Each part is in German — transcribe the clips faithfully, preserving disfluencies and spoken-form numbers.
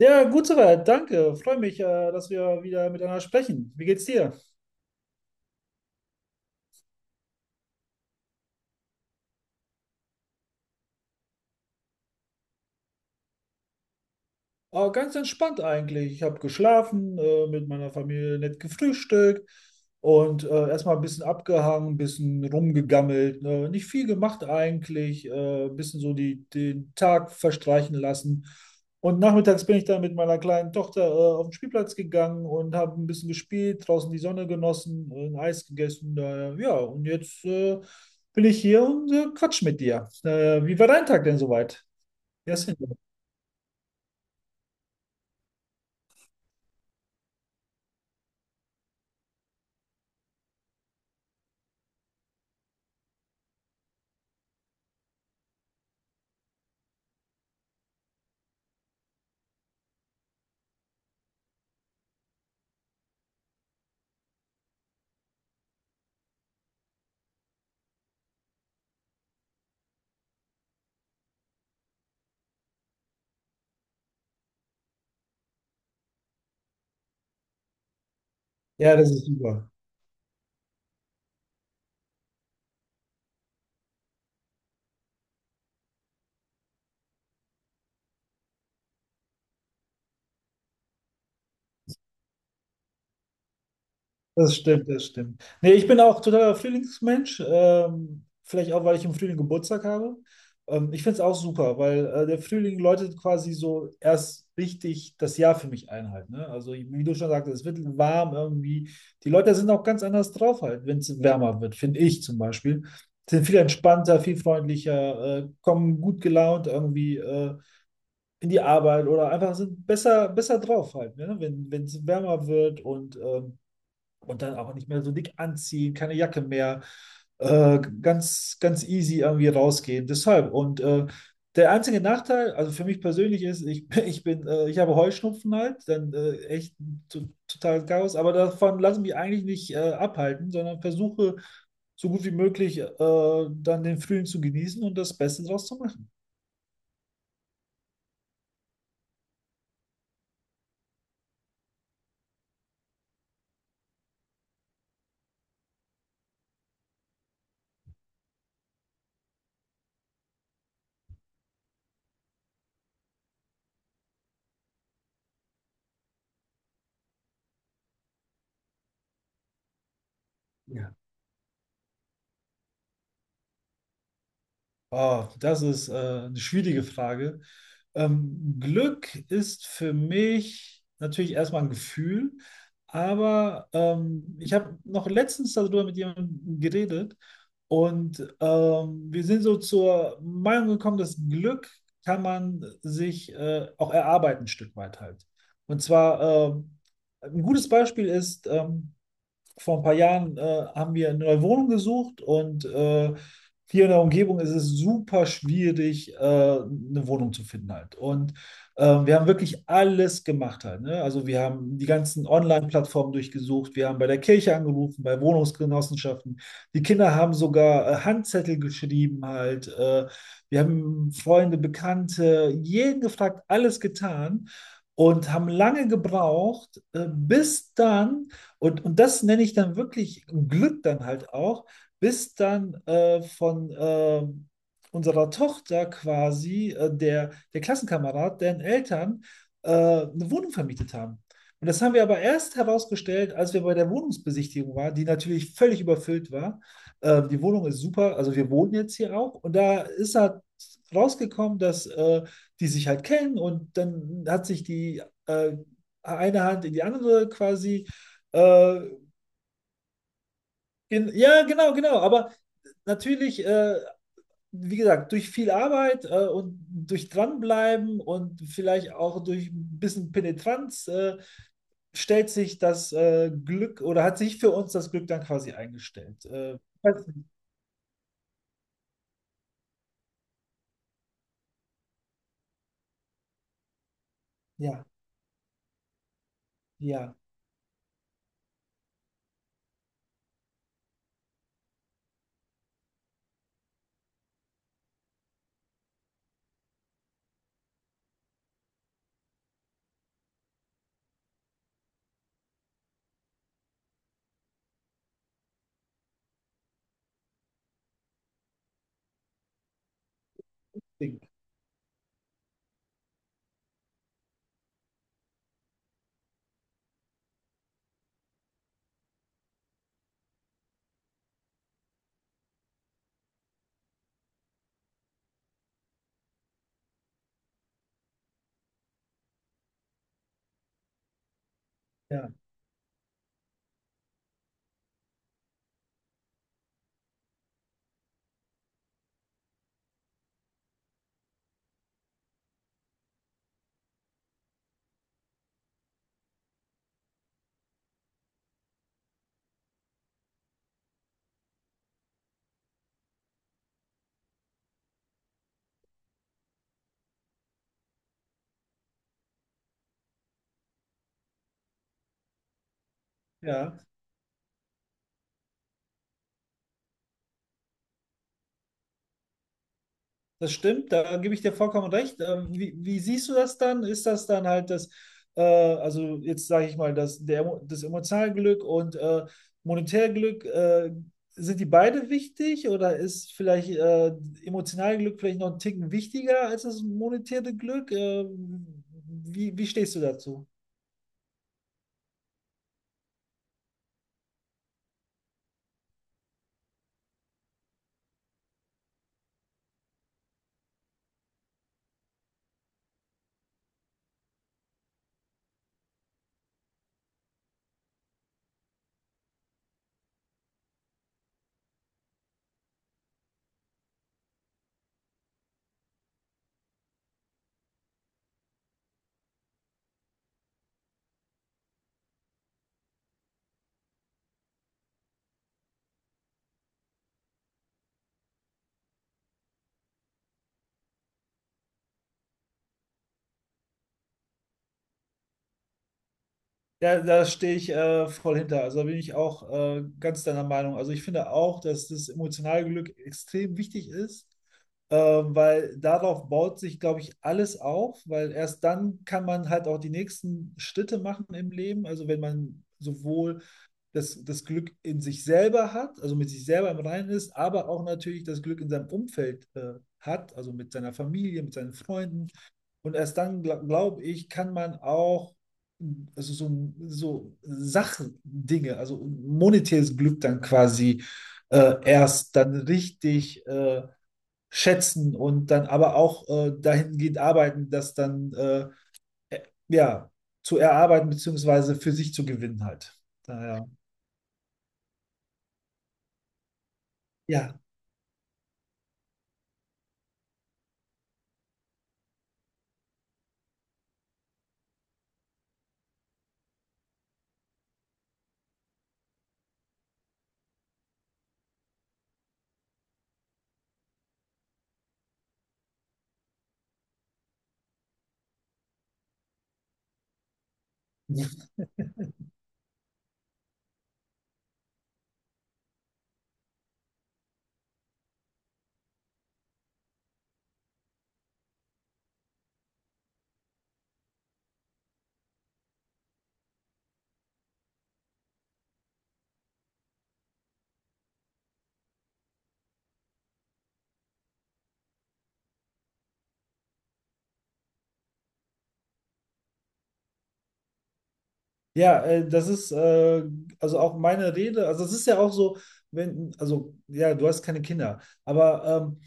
Ja, gut soweit, danke. Freue mich, äh, dass wir wieder miteinander sprechen. Wie geht's dir? Aber ganz entspannt eigentlich. Ich habe geschlafen, äh, mit meiner Familie nett gefrühstückt und äh, erstmal ein bisschen abgehangen, ein bisschen rumgegammelt, ne? Nicht viel gemacht eigentlich, äh, ein bisschen so die, den Tag verstreichen lassen. Und nachmittags bin ich dann mit meiner kleinen Tochter äh, auf den Spielplatz gegangen und habe ein bisschen gespielt, draußen die Sonne genossen, ein Eis gegessen. Daher, ja, und jetzt äh, bin ich hier und äh, quatsch mit dir. Äh, wie war dein Tag denn soweit? Jasmin. Ja, das ist super. Das stimmt, das stimmt. Nee, ich bin auch totaler Frühlingsmensch. Ähm, vielleicht auch, weil ich im Frühling Geburtstag habe. Ähm, ich finde es auch super, weil äh, der Frühling läutet quasi so erst richtig das Jahr für mich ein halt, ne? Also wie du schon sagtest, es wird warm irgendwie. Die Leute sind auch ganz anders drauf halt, wenn es wärmer wird, finde ich zum Beispiel. Sind viel entspannter, viel freundlicher, äh, kommen gut gelaunt irgendwie äh, in die Arbeit oder einfach sind besser, besser drauf halt, ne? Wenn, wenn es wärmer wird und ähm, und dann auch nicht mehr so dick anziehen, keine Jacke mehr, äh, ganz, ganz easy irgendwie rausgehen. Deshalb. Und äh, der einzige Nachteil, also für mich persönlich ist, ich, ich bin, äh, ich habe Heuschnupfen halt, dann äh, echt to- total Chaos, aber davon lasse ich mich eigentlich nicht äh, abhalten, sondern versuche so gut wie möglich äh, dann den Frühling zu genießen und das Beste draus zu machen. Oh, das ist äh, eine schwierige Frage. Ähm, Glück ist für mich natürlich erstmal ein Gefühl, aber ähm, ich habe noch letztens darüber mit jemandem geredet und ähm, wir sind so zur Meinung gekommen, dass Glück kann man sich äh, auch erarbeiten, ein Stück weit halt. Und zwar ähm, ein gutes Beispiel ist, ähm, vor ein paar Jahren äh, haben wir eine neue Wohnung gesucht und äh, hier in der Umgebung ist es super schwierig, äh, eine Wohnung zu finden halt. Und ähm, wir haben wirklich alles gemacht halt, ne? Also wir haben die ganzen Online-Plattformen durchgesucht, wir haben bei der Kirche angerufen, bei Wohnungsgenossenschaften. Die Kinder haben sogar äh, Handzettel geschrieben halt. Äh, wir haben Freunde, Bekannte, jeden gefragt, alles getan und haben lange gebraucht, äh, bis dann und, und das nenne ich dann wirklich Glück dann halt auch, bis dann äh, von äh, unserer Tochter quasi äh, der, der Klassenkamerad, deren Eltern äh, eine Wohnung vermietet haben. Und das haben wir aber erst herausgestellt, als wir bei der Wohnungsbesichtigung waren, die natürlich völlig überfüllt war. Äh, die Wohnung ist super, also wir wohnen jetzt hier auch. Und da ist halt rausgekommen, dass äh, die sich halt kennen und dann hat sich die äh, eine Hand in die andere quasi äh, gen ja, genau, genau. Aber natürlich, äh, wie gesagt, durch viel Arbeit äh, und durch Dranbleiben und vielleicht auch durch ein bisschen Penetranz äh, stellt sich das äh, Glück oder hat sich für uns das Glück dann quasi eingestellt. Äh, weiß nicht. Ja, ja, Ding. Ja, ja. Das stimmt, da gebe ich dir vollkommen recht. Ähm, Wie, wie siehst du das dann? Ist das dann halt das, äh, also jetzt sage ich mal, das, der, Emo- das emotionale Glück und äh, monetäre Glück, äh, sind die beide wichtig oder ist vielleicht äh, emotionale Glück vielleicht noch einen Ticken wichtiger als das monetäre Glück? Äh, wie, wie stehst du dazu? Ja, da stehe ich äh, voll hinter. Also da bin ich auch äh, ganz deiner Meinung. Also ich finde auch, dass das emotionale Glück extrem wichtig ist, äh, weil darauf baut sich, glaube ich, alles auf, weil erst dann kann man halt auch die nächsten Schritte machen im Leben. Also wenn man sowohl das, das Glück in sich selber hat, also mit sich selber im Reinen ist, aber auch natürlich das Glück in seinem Umfeld äh, hat, also mit seiner Familie, mit seinen Freunden. Und erst dann, gl- glaube ich, kann man auch also so, so Sachdinge, also monetäres Glück dann quasi äh, erst dann richtig äh, schätzen und dann aber auch äh, dahingehend arbeiten, das dann äh, ja, zu erarbeiten beziehungsweise für sich zu gewinnen halt. Daher, ja, ja, äh, das ist äh, also auch meine Rede. Also es ist ja auch so, wenn, also ja, du hast keine Kinder, aber ähm,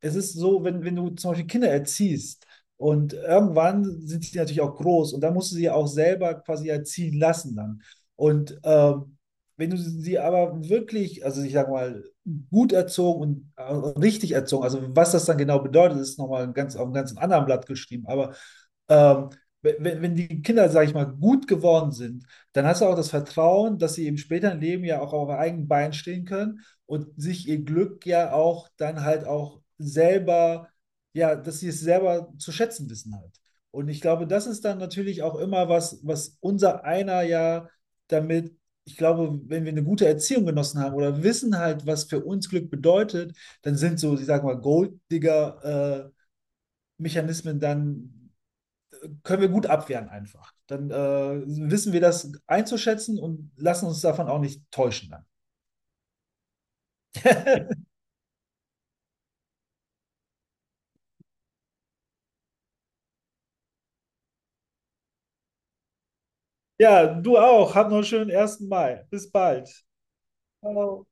es ist so, wenn, wenn du zum Beispiel Kinder erziehst und irgendwann sind die natürlich auch groß und dann musst du sie auch selber quasi erziehen lassen dann. Und ähm, wenn du sie aber wirklich, also ich sag mal, gut erzogen und äh, richtig erzogen, also was das dann genau bedeutet, ist nochmal ein ganz, auf einem ganz anderen Blatt geschrieben, aber ähm, wenn, wenn die Kinder, sage ich mal, gut geworden sind, dann hast du auch das Vertrauen, dass sie eben später im Leben ja auch auf eigenen Beinen stehen können und sich ihr Glück ja auch dann halt auch selber, ja, dass sie es selber zu schätzen wissen halt. Und ich glaube, das ist dann natürlich auch immer was, was unser einer ja damit, ich glaube, wenn wir eine gute Erziehung genossen haben oder wissen halt, was für uns Glück bedeutet, dann sind so, ich sag mal, Golddigger-Mechanismen dann, können wir gut abwehren einfach. Dann äh, wissen wir das einzuschätzen und lassen uns davon auch nicht täuschen dann. Ja, du auch. Hab noch einen schönen ersten Mai. Bis bald. Ciao.